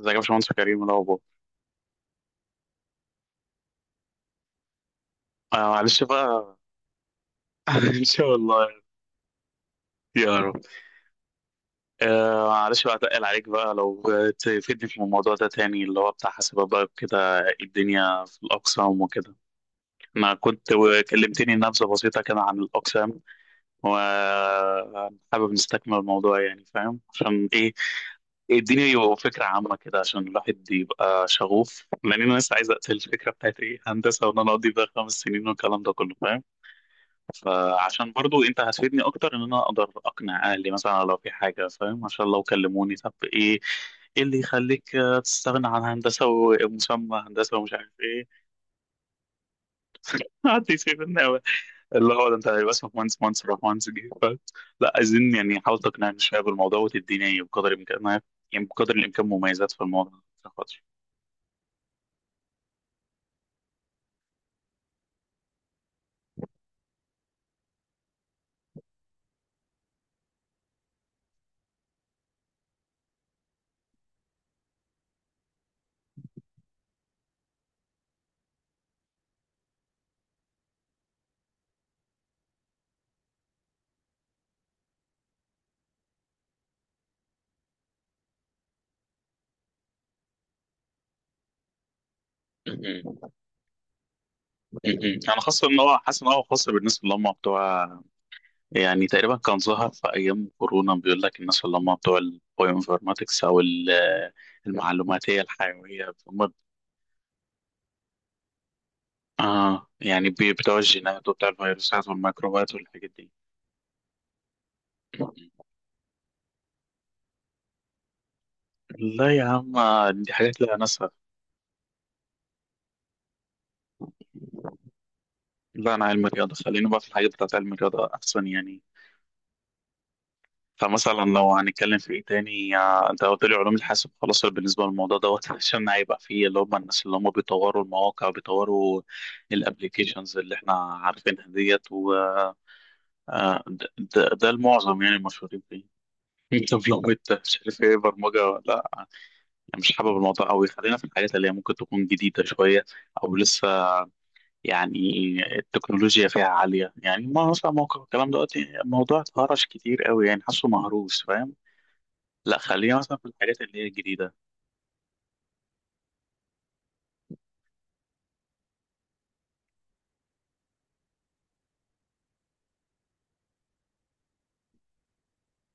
ازيك يا باشمهندس كريم، إيه الاخبار؟ آه معلش بقى. ان شاء الله. يا رب. آه معلش بقى، اتقل عليك بقى لو تفيدني في الموضوع ده تاني، اللي هو بتاع حاسبات بقى كده، الدنيا في الاقسام وكده. انا كنت كلمتني نبذه بسيطه كده عن الاقسام، وحابب نستكمل الموضوع، يعني فاهم عشان ايه الدنيا، يبقى فكره عامه كده عشان الواحد يبقى شغوف، لان انا لسه عايز اقتل الفكره بتاعت ايه هندسه، وان انا اقضي بقى 5 سنين والكلام ده كله فاهم. فعشان برضو انت هتفيدني اكتر ان انا اقدر اقنع اهلي مثلا لو في حاجه فاهم، عشان لو كلموني طب ايه، ايه اللي يخليك تستغنى عن هندسه ومسمى هندسه ومش عارف ايه. حد يسيبني أوي. اللي هو ده انت هيبقى اسمك مهندس، مهندس راح مهندس جه لا عايزين يعني حاول تقنعني شويه بالموضوع وتديني بقدر الامكان، يعني بقدر الامكان مميزات في الموضوع عشان خاطر م- م- م- م. انا خاصه ان هو حاسس ان هو خاص بالناس اللي هم بتوع، يعني تقريبا كان ظهر في ايام كورونا بيقول لك الناس اللي هم بتوع البايوانفورماتكس المعلوماتيه الحيويه هم. اه يعني بتوع الجينات وبتوع الفيروسات والميكروبات والحاجات دي. لا يا عم، دي حاجات لا ناسها. لا انا علم رياضه، خلينا بقى في الحاجات بتاعت علم الرياضه احسن يعني. فمثلا لو هنتكلم في ايه تاني، انت قلت لي علوم الحاسب خلاص بالنسبه للموضوع دوت عشان هيبقى فيه اللي هم الناس اللي هم بيطوروا المواقع، بيطوروا الابليكيشنز اللي احنا عارفينها ديت، و آه، ده, ده ده المعظم يعني المشهورين فيه. انت لو مش عارف ايه برمجه ولا لا. أنا مش حابب الموضوع قوي، خلينا في الحاجات اللي هي ممكن تكون جديده شويه، او لسه يعني التكنولوجيا فيها عاليه يعني، ما مثلا موقع الكلام دلوقتي الموضوع اتهرش كتير قوي يعني، حاسه مهروس فاهم. لا خلينا مثلا في الحاجات اللي هي الجديدة.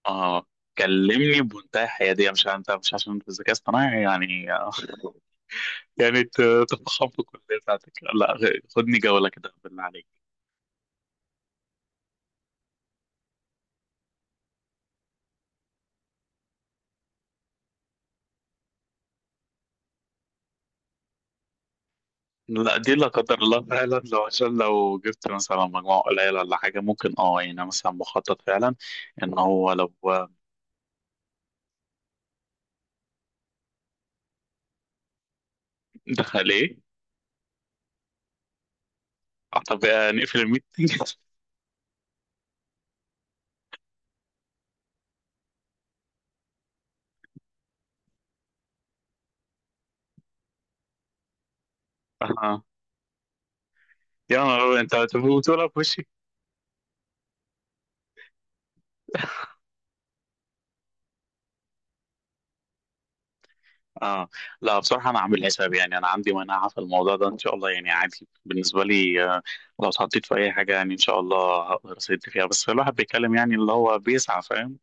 اه كلمني بمنتهى الحيادية، مش انت، مش عشان انت في الذكاء اصطناعي يعني يعني ت- تفخم في الكلية بتاعتك، لا غ- خدني جولة كده بالله عليك. لا دي لا قدر الله، فعلا لو عشان لو جبت مثلا مجموعة قليلة ولا حاجة، ممكن اه يعني أنا مثلا مخطط فعلا ان هو لو. دخل ايه؟ آه، طب آه، نقفل الميتنج. اه يا نهار أبيض، انت بتقولها في وشي. اه لا بصراحة أنا عامل حساب يعني، أنا عندي مناعة في الموضوع ده إن شاء الله، يعني عادي بالنسبة لي. لو اتحطيت في أي حاجة يعني إن شاء الله هقدر أسد فيها، بس الواحد بيتكلم يعني اللي هو بيسعى فاهم.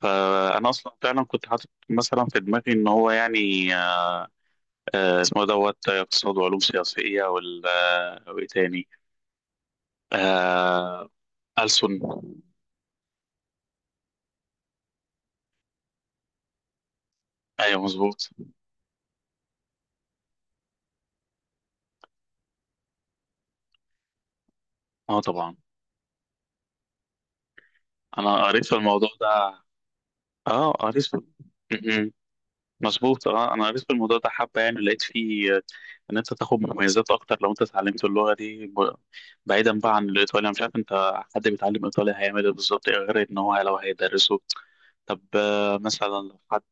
فأنا أصلا فعلا كنت حاطط مثلا في دماغي إن هو يعني، اسمه دوت اقتصاد وعلوم سياسية، وال آه، وإيه تاني، آه، ألسن. أيوه مظبوط. أه طبعا، أنا قريت في الموضوع ده. أه قريت في، مظبوط، اه انا قريت في الموضوع ده حبه يعني، لقيت فيه ان انت تاخد مميزات اكتر لو انت اتعلمت اللغه دي بعيدا بقى عن الايطالي، انا مش عارف انت حد بيتعلم ايطالي هيعمل ايه بالظبط، إيه غير ان هو لو هيدرسه. طب مثلا لو حد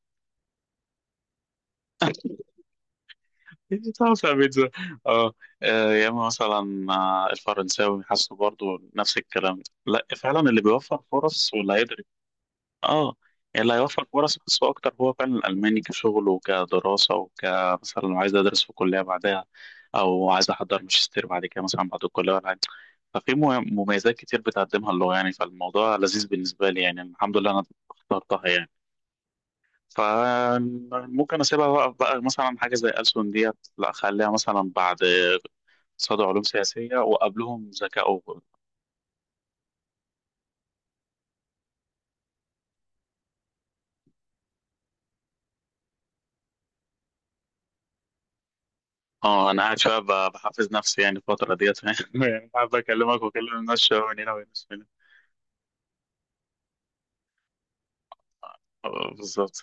تعرف يا بيتزا. اه، آه، يا اما مثلا آه، الفرنساوي حاسه برضه نفس الكلام، لا فعلا اللي بيوفر فرص واللي هيدرس اه يعني اللي هيوفر فرص نفسه اكتر هو فعلا الالماني، كشغل وكدراسه، وكمثلا لو عايز ادرس في كليه بعدها، او عايز احضر ماجستير بعد كده مثلا بعد الكليه ولا حاجه. ففي مميزات كتير بتقدمها اللغه يعني، فالموضوع لذيذ بالنسبه لي يعني، الحمد لله انا اخترتها يعني. فممكن اسيبها بقى مثلا حاجه زي ألسن ديت، لا اخليها مثلا بعد اقتصاد وعلوم سياسيه وقبلهم ذكاء. اه انا قاعد شويه بحفز نفسي يعني الفتره ديت فاهم يعني، حابب اكلمك واكلم الناس شويه من هنا والناس من هنا. بالظبط.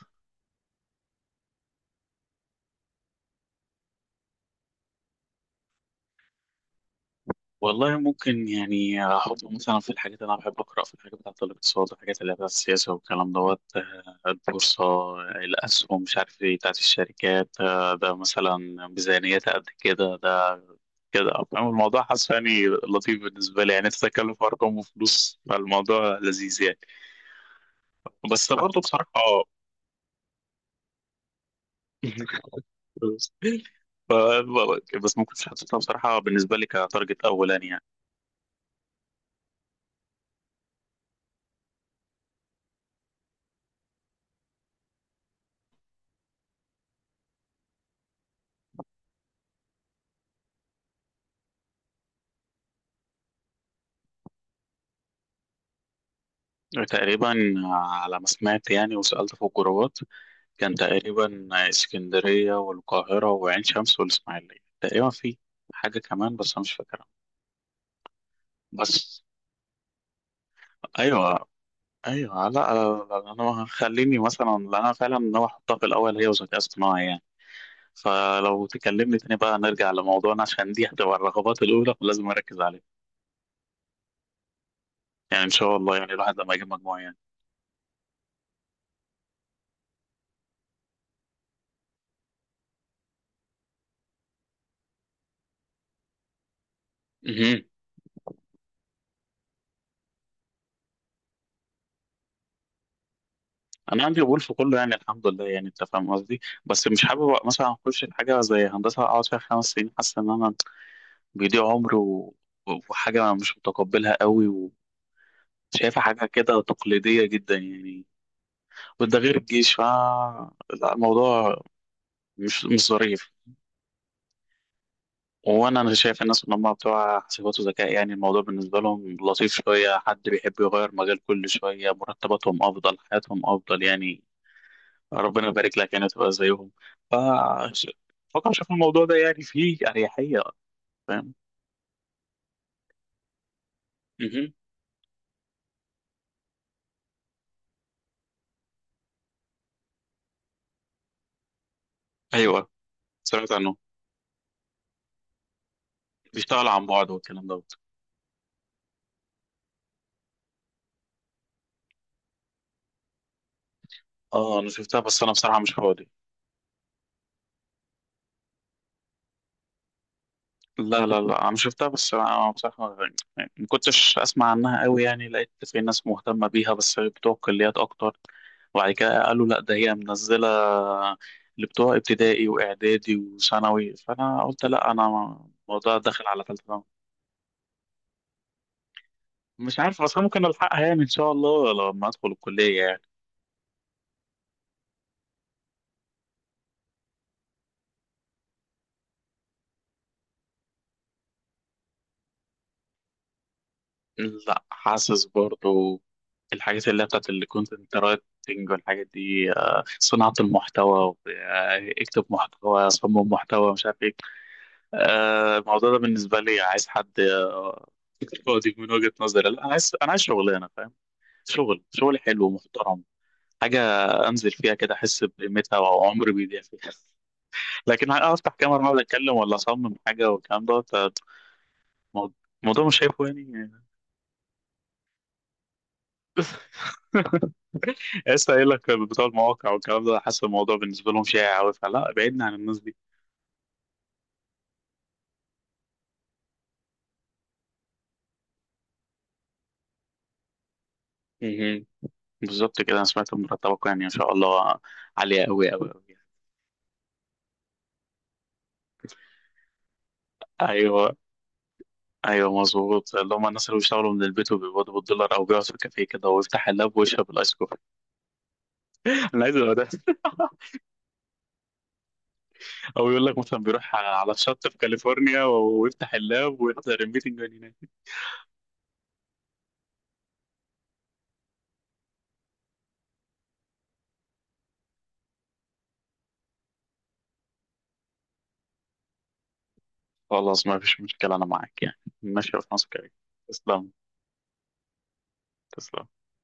والله ممكن يعني احط مثلا في الحاجات اللي انا بحب اقرا في الحاجات بتاعت الاقتصاد، الحاجات اللي هي بتاعت السياسه والكلام دوت البورصه، الاسهم، مش عارف ايه، بتاعت الشركات، ده مثلا ميزانيتها قد كده، ده كده فاهم الموضوع، حاسس يعني لطيف بالنسبه لي يعني، انت تتكلم في ارقام وفلوس فالموضوع لذيذ يعني. بس برضه بصراحه ف- بس ممكن حطيتها بصراحة بالنسبة لي كتارجت أولاني يعني. تقريبا على ما سمعت يعني، وسألت في الجروبات، كان تقريبا اسكندرية والقاهرة وعين شمس والإسماعيلية، تقريبا في حاجة كمان بس أنا مش فاكرها. بس أيوه، أيوه، لا أنا خليني مثلا، لأن أنا فعلا ناوي أحطها في الأول هي وذكاء اصطناعي يعني. فلو تكلمني تاني بقى نرجع لموضوعنا، عشان دي هتبقى الرغبات الأولى ولازم أركز عليها. يعني إن شاء الله يعني الواحد لما يجيب مجموعة يعني. مهم. انا عندي قبول في كله يعني الحمد لله، يعني انت فاهم قصدي. بس مش حابب مثلا اخش في حاجه زي هندسه اقعد فيها 5 سنين، حاسس ان انا بيضيع عمري و... وحاجه مش متقبلها قوي، وشايفها حاجه كده تقليديه جدا يعني، وده غير الجيش ف لا، الموضوع مش مش ظريف. وانا انا شايف الناس ان هم بتوع حسابات وذكاء، يعني الموضوع بالنسبه لهم لطيف شويه، حد بيحب يغير مجال كل شويه، مرتباتهم افضل، حياتهم افضل يعني. ربنا يبارك لك يعني تبقى زيهم. ف بفكر اشوف الموضوع ده يعني فيه اريحيه، فاهم. مهم. ايوه، سمعت عنه، بيشتغل عن بعد والكلام دوت. اه انا شفتها بس انا بصراحه مش فاضي. لا لا لا انا شفتها بس انا بصراحه يعني ما كنتش اسمع عنها قوي يعني، لقيت في ناس مهتمه بيها بس بتوع الكليات اكتر، وبعد كده قالوا لا ده هي منزله اللي بتوع ابتدائي واعدادي وثانوي، فانا قلت لا انا الموضوع داخل على ثالثه، مش عارف اصلا ممكن الحقها يعني ان شاء الله لما ادخل الكليه يعني. لا حاسس برضو الحاجات اللي هي بتاعت الكونتنت رايتنج والحاجات دي، صناعه المحتوى اكتب محتوى، صمم محتوى، مش عارف ايه، الموضوع ده بالنسبه لي عايز حد فاضي، من وجهه نظري لا انا عايز، انا عايز شغلانه فاهم، شغل شغل حلو ومحترم، حاجه انزل فيها كده احس بقيمتها وعمري بيضيع فيها. لكن هقعد افتح كاميرا واقعد اتكلم ولا اصمم حاجه والكلام ده، الموضوع الموضوع مش شايفه يعني. لسه قايل لك بتوع المواقع والكلام ده، حاسس الموضوع بالنسبه لهم شائع قوي، فلا بعدنا عن الناس دي. مهم. بالظبط كده، انا سمعت إن مرتبكم يعني ان شاء الله عاليه قوي قوي قوي. ايوه ايوه مظبوط، اللي هم الناس اللي بيشتغلوا من البيت وبيقبضوا بالدولار، او بيقعد في كافيه كده ويفتح اللاب ويشرب الايس كوفي. انا عايز أبقى ده. او يقول لك مثلا بيروح على شط في كاليفورنيا ويفتح اللاب ويحضر الميتنج من هناك. خلاص ما فيش مشكله، انا معاك يعني ماشي، في مصر كده. تسلم. تسلم.